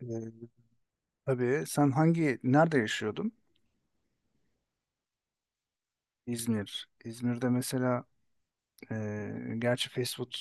Ee, tabii sen nerede yaşıyordun? İzmir. İzmir'de mesela gerçi fast food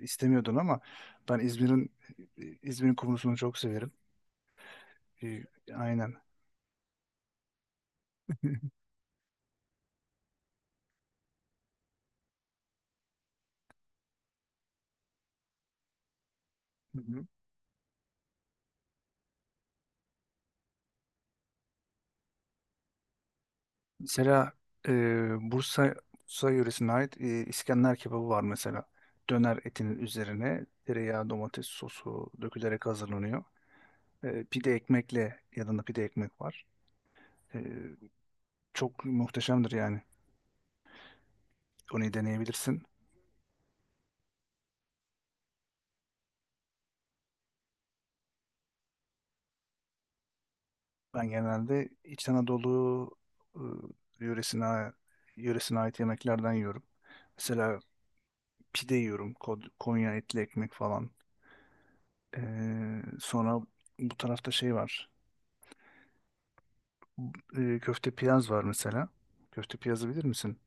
istemiyordun ama ben İzmir'in kumrusunu çok severim. E, aynen. Hı hı. Mesela e, Bursa Bursa yöresine ait İskender kebabı var mesela. Döner etinin üzerine tereyağı, domates sosu dökülerek hazırlanıyor. Pide ekmekle yanında pide ekmek var. E, çok muhteşemdir yani. Onu deneyebilirsin. Ben genelde İç Anadolu ıı, yöresine, yöresine ait yemeklerden yiyorum. Mesela pide yiyorum. Konya etli ekmek falan. Sonra bu tarafta şey var. Köfte piyaz var mesela. Köfte piyazı bilir misin?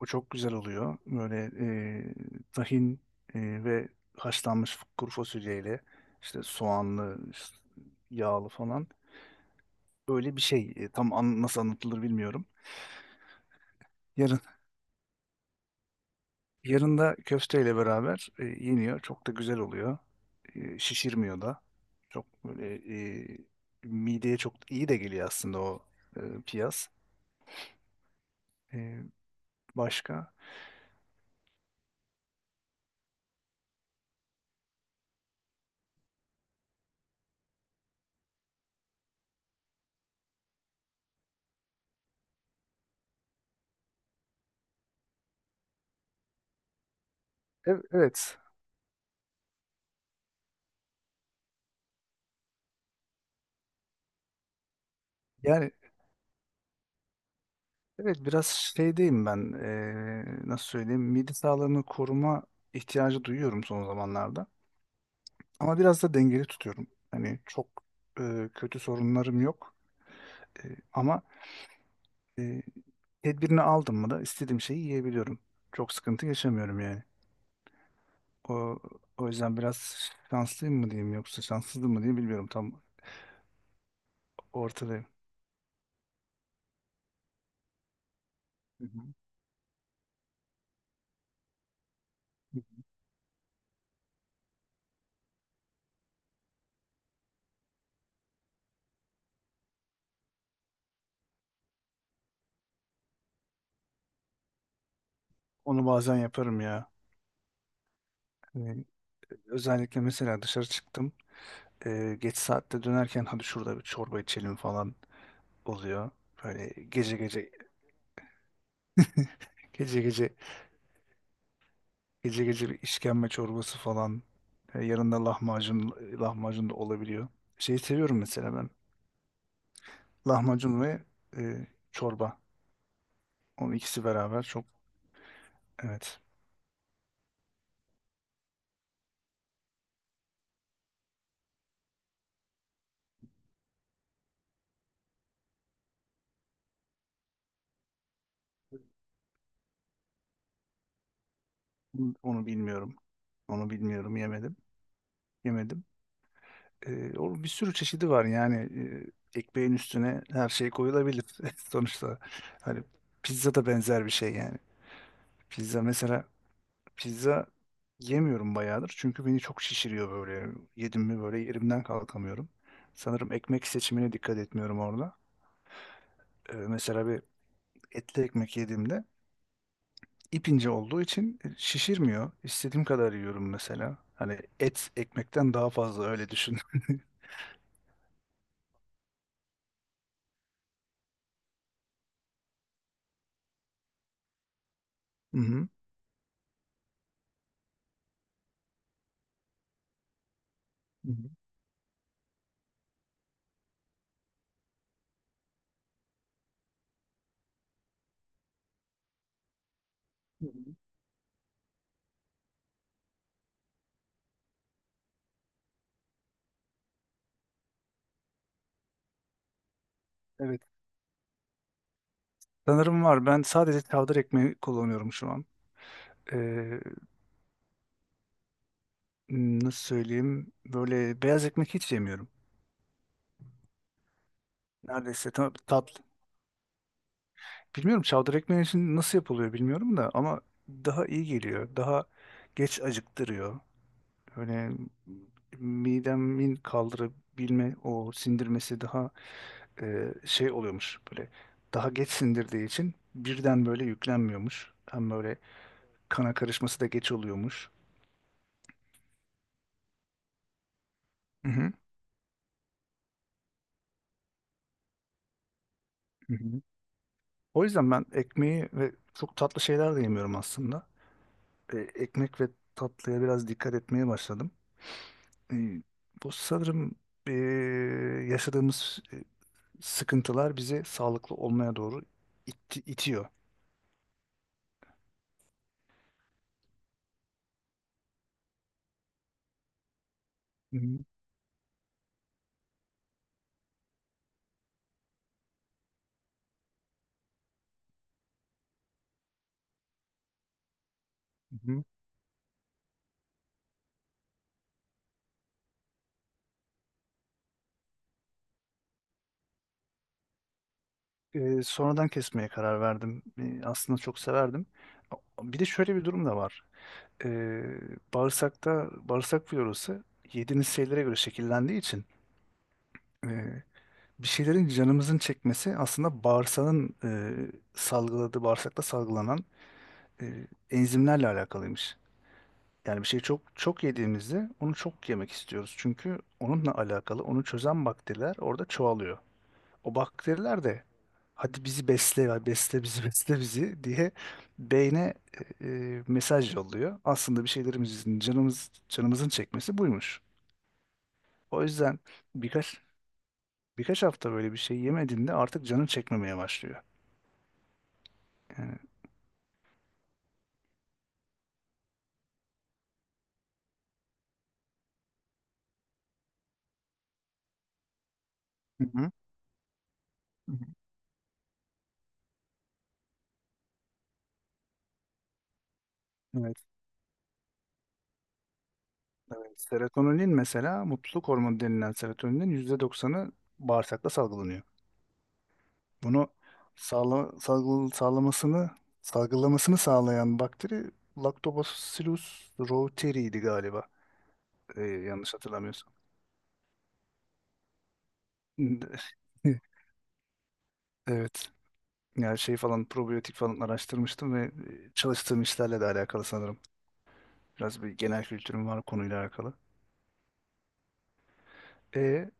O çok güzel oluyor. Böyle e, tahin ve haşlanmış kuru fasulyeyle işte soğanlı, işte yağlı falan böyle bir şey. Tam nasıl anlatılır bilmiyorum. Yarın yarın da köfteyle beraber yeniyor. Çok da güzel oluyor. Şişirmiyor da. Çok böyle e, mideye çok iyi de geliyor aslında o e, piyaz. E, başka? Evet. Yani evet, biraz şeydeyim ben, nasıl söyleyeyim, mide sağlığını koruma ihtiyacı duyuyorum son zamanlarda ama biraz da dengeli tutuyorum. Hani çok kötü sorunlarım yok. Ama eee, tedbirini aldım mı da istediğim şeyi yiyebiliyorum. Çok sıkıntı yaşamıyorum yani. O, o yüzden biraz şanslıyım mı diyeyim yoksa şanssızım mı diyeyim bilmiyorum, tam ortadayım. Hı hı. Onu bazen yaparım ya. Eee, özellikle mesela dışarı çıktım. Geç saatte dönerken hadi şurada bir çorba içelim falan oluyor. Böyle gece gece gece gece gece gece bir işkembe çorbası falan. Yanında lahmacun da olabiliyor. Şeyi seviyorum mesela ben. Lahmacun ve e, çorba. Onun ikisi beraber çok, evet. Onu bilmiyorum. Onu bilmiyorum, yemedim. Yemedim. O bir sürü çeşidi var yani, ekmeğin üstüne her şey koyulabilir sonuçta. Hani pizza da benzer bir şey yani. Pizza mesela, pizza yemiyorum bayağıdır çünkü beni çok şişiriyor böyle. Yedim mi böyle yerimden kalkamıyorum. Sanırım ekmek seçimine dikkat etmiyorum orada. Mesela bir etli ekmek yediğimde ip ince olduğu için şişirmiyor. İstediğim kadar yiyorum mesela. Hani et ekmekten daha fazla öyle düşün. Hı hı. Hı hı. Hı hı. Evet, sanırım var. Ben sadece çavdar ekmeği kullanıyorum şu an. Ee, nasıl söyleyeyim? Böyle beyaz ekmek hiç yemiyorum. Neredeyse tam tatlı. Bilmiyorum, çavdar ekmeği için nasıl yapılıyor bilmiyorum da ama daha iyi geliyor. Daha geç acıktırıyor. Öyle midemin kaldırabilme o sindirmesi daha şey oluyormuş, böyle daha geç sindirdiği için birden böyle yüklenmiyormuş. Hem böyle kana karışması da geç oluyormuş. Hı hı. Hı hı. O yüzden ben ekmeği ve çok tatlı şeyler de yemiyorum aslında. Ekmek ve tatlıya biraz dikkat etmeye başladım. E, bu sanırım e, yaşadığımız sıkıntılar bizi sağlıklı olmaya doğru itiyor. Hı hı, hı hı. Sonradan kesmeye karar verdim. Aslında çok severdim. Bir de şöyle bir durum da var. E, bağırsakta bağırsak florası yediğiniz şeylere göre şekillendiği için e, bir şeylerin canımızın çekmesi aslında bağırsağın salgıladığı, bağırsakta salgılanan enzimlerle alakalıymış. Yani bir şeyi çok çok yediğimizde onu çok yemek istiyoruz. Çünkü onunla alakalı onu çözen bakteriler orada çoğalıyor. O bakteriler de hadi bizi besle ya, besle bizi, besle bizi diye beyne mesaj yolluyor. Aslında bir şeylerimizin canımızın çekmesi buymuş. O yüzden birkaç birkaç hafta böyle bir şey yemediğinde artık canın çekmemeye başlıyor. Yani hı hı. Hı hı. Evet, evet. Serotonin mesela mutluluk hormonu denilen serotoninin %90'ı bağırsakta salgılanıyor. Bunu sağlamasını, salgılamasını sağlayan bakteri Lactobacillus reuteri'ydi galiba. Yanlış hatırlamıyorsam. Evet. Yani şey falan, probiyotik falan araştırmıştım ve çalıştığım işlerle de alakalı sanırım. Biraz bir genel kültürüm var konuyla alakalı. E,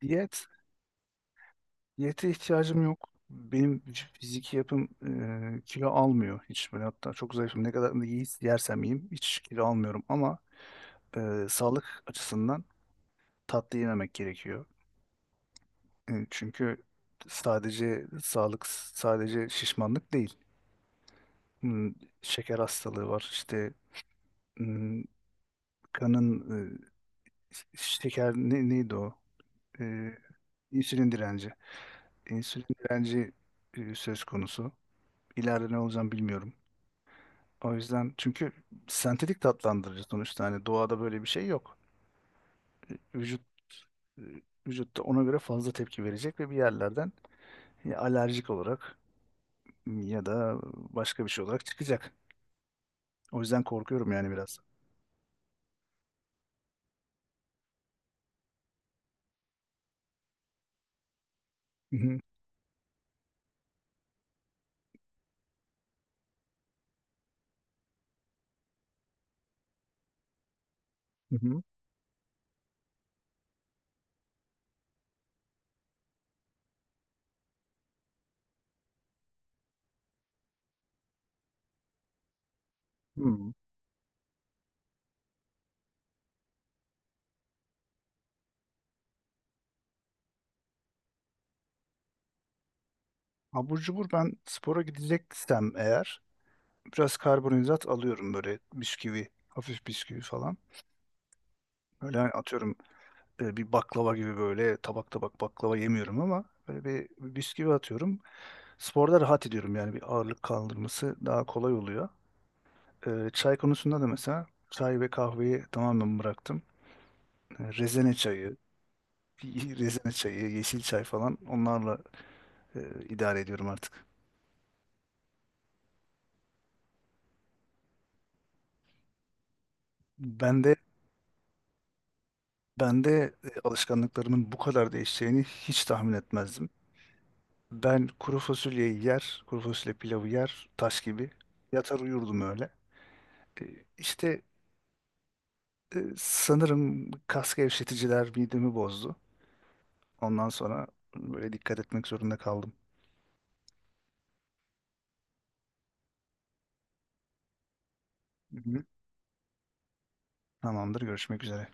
diyet Diyete ihtiyacım yok. Benim fiziki yapım kilo almıyor hiç böyle, hatta çok zayıfım. Ne kadar da yersem yiyeyim hiç kilo almıyorum ama sağlık açısından tatlı yememek gerekiyor. Çünkü sadece sağlık, sadece şişmanlık değil. Hmm, şeker hastalığı var. İşte hmm, kanın şeker, ne, neydi o? E, insülin direnci. İnsülin direnci söz konusu. İleride ne olacağım bilmiyorum. O yüzden, çünkü sentetik tatlandırıcı sonuçta, hani doğada böyle bir şey yok. Vücut vücutta ona göre fazla tepki verecek ve bir yerlerden ya alerjik olarak ya da başka bir şey olarak çıkacak. O yüzden korkuyorum yani biraz. Hı hı, hı hı, hı. Abur cubur ben spora gideceksem eğer biraz karbonhidrat alıyorum, böyle bisküvi, hafif bisküvi falan. Böyle hani atıyorum bir baklava gibi böyle tabak tabak baklava yemiyorum ama böyle bir bisküvi atıyorum. Sporda rahat ediyorum yani, bir ağırlık kaldırması daha kolay oluyor. Çay konusunda da mesela çay ve kahveyi tamamen bıraktım. Rezene çayı, rezene çayı, yeşil çay falan, onlarla e, idare ediyorum artık. Ben de ben de alışkanlıklarımın bu kadar değişeceğini hiç tahmin etmezdim. Ben kuru fasulyeyi yer, kuru fasulye pilavı yer, taş gibi. Yatar uyurdum öyle. Ee, İşte sanırım kas gevşeticiler midemi bozdu. Ondan sonra böyle dikkat etmek zorunda kaldım. Hı hı. Tamamdır, görüşmek üzere.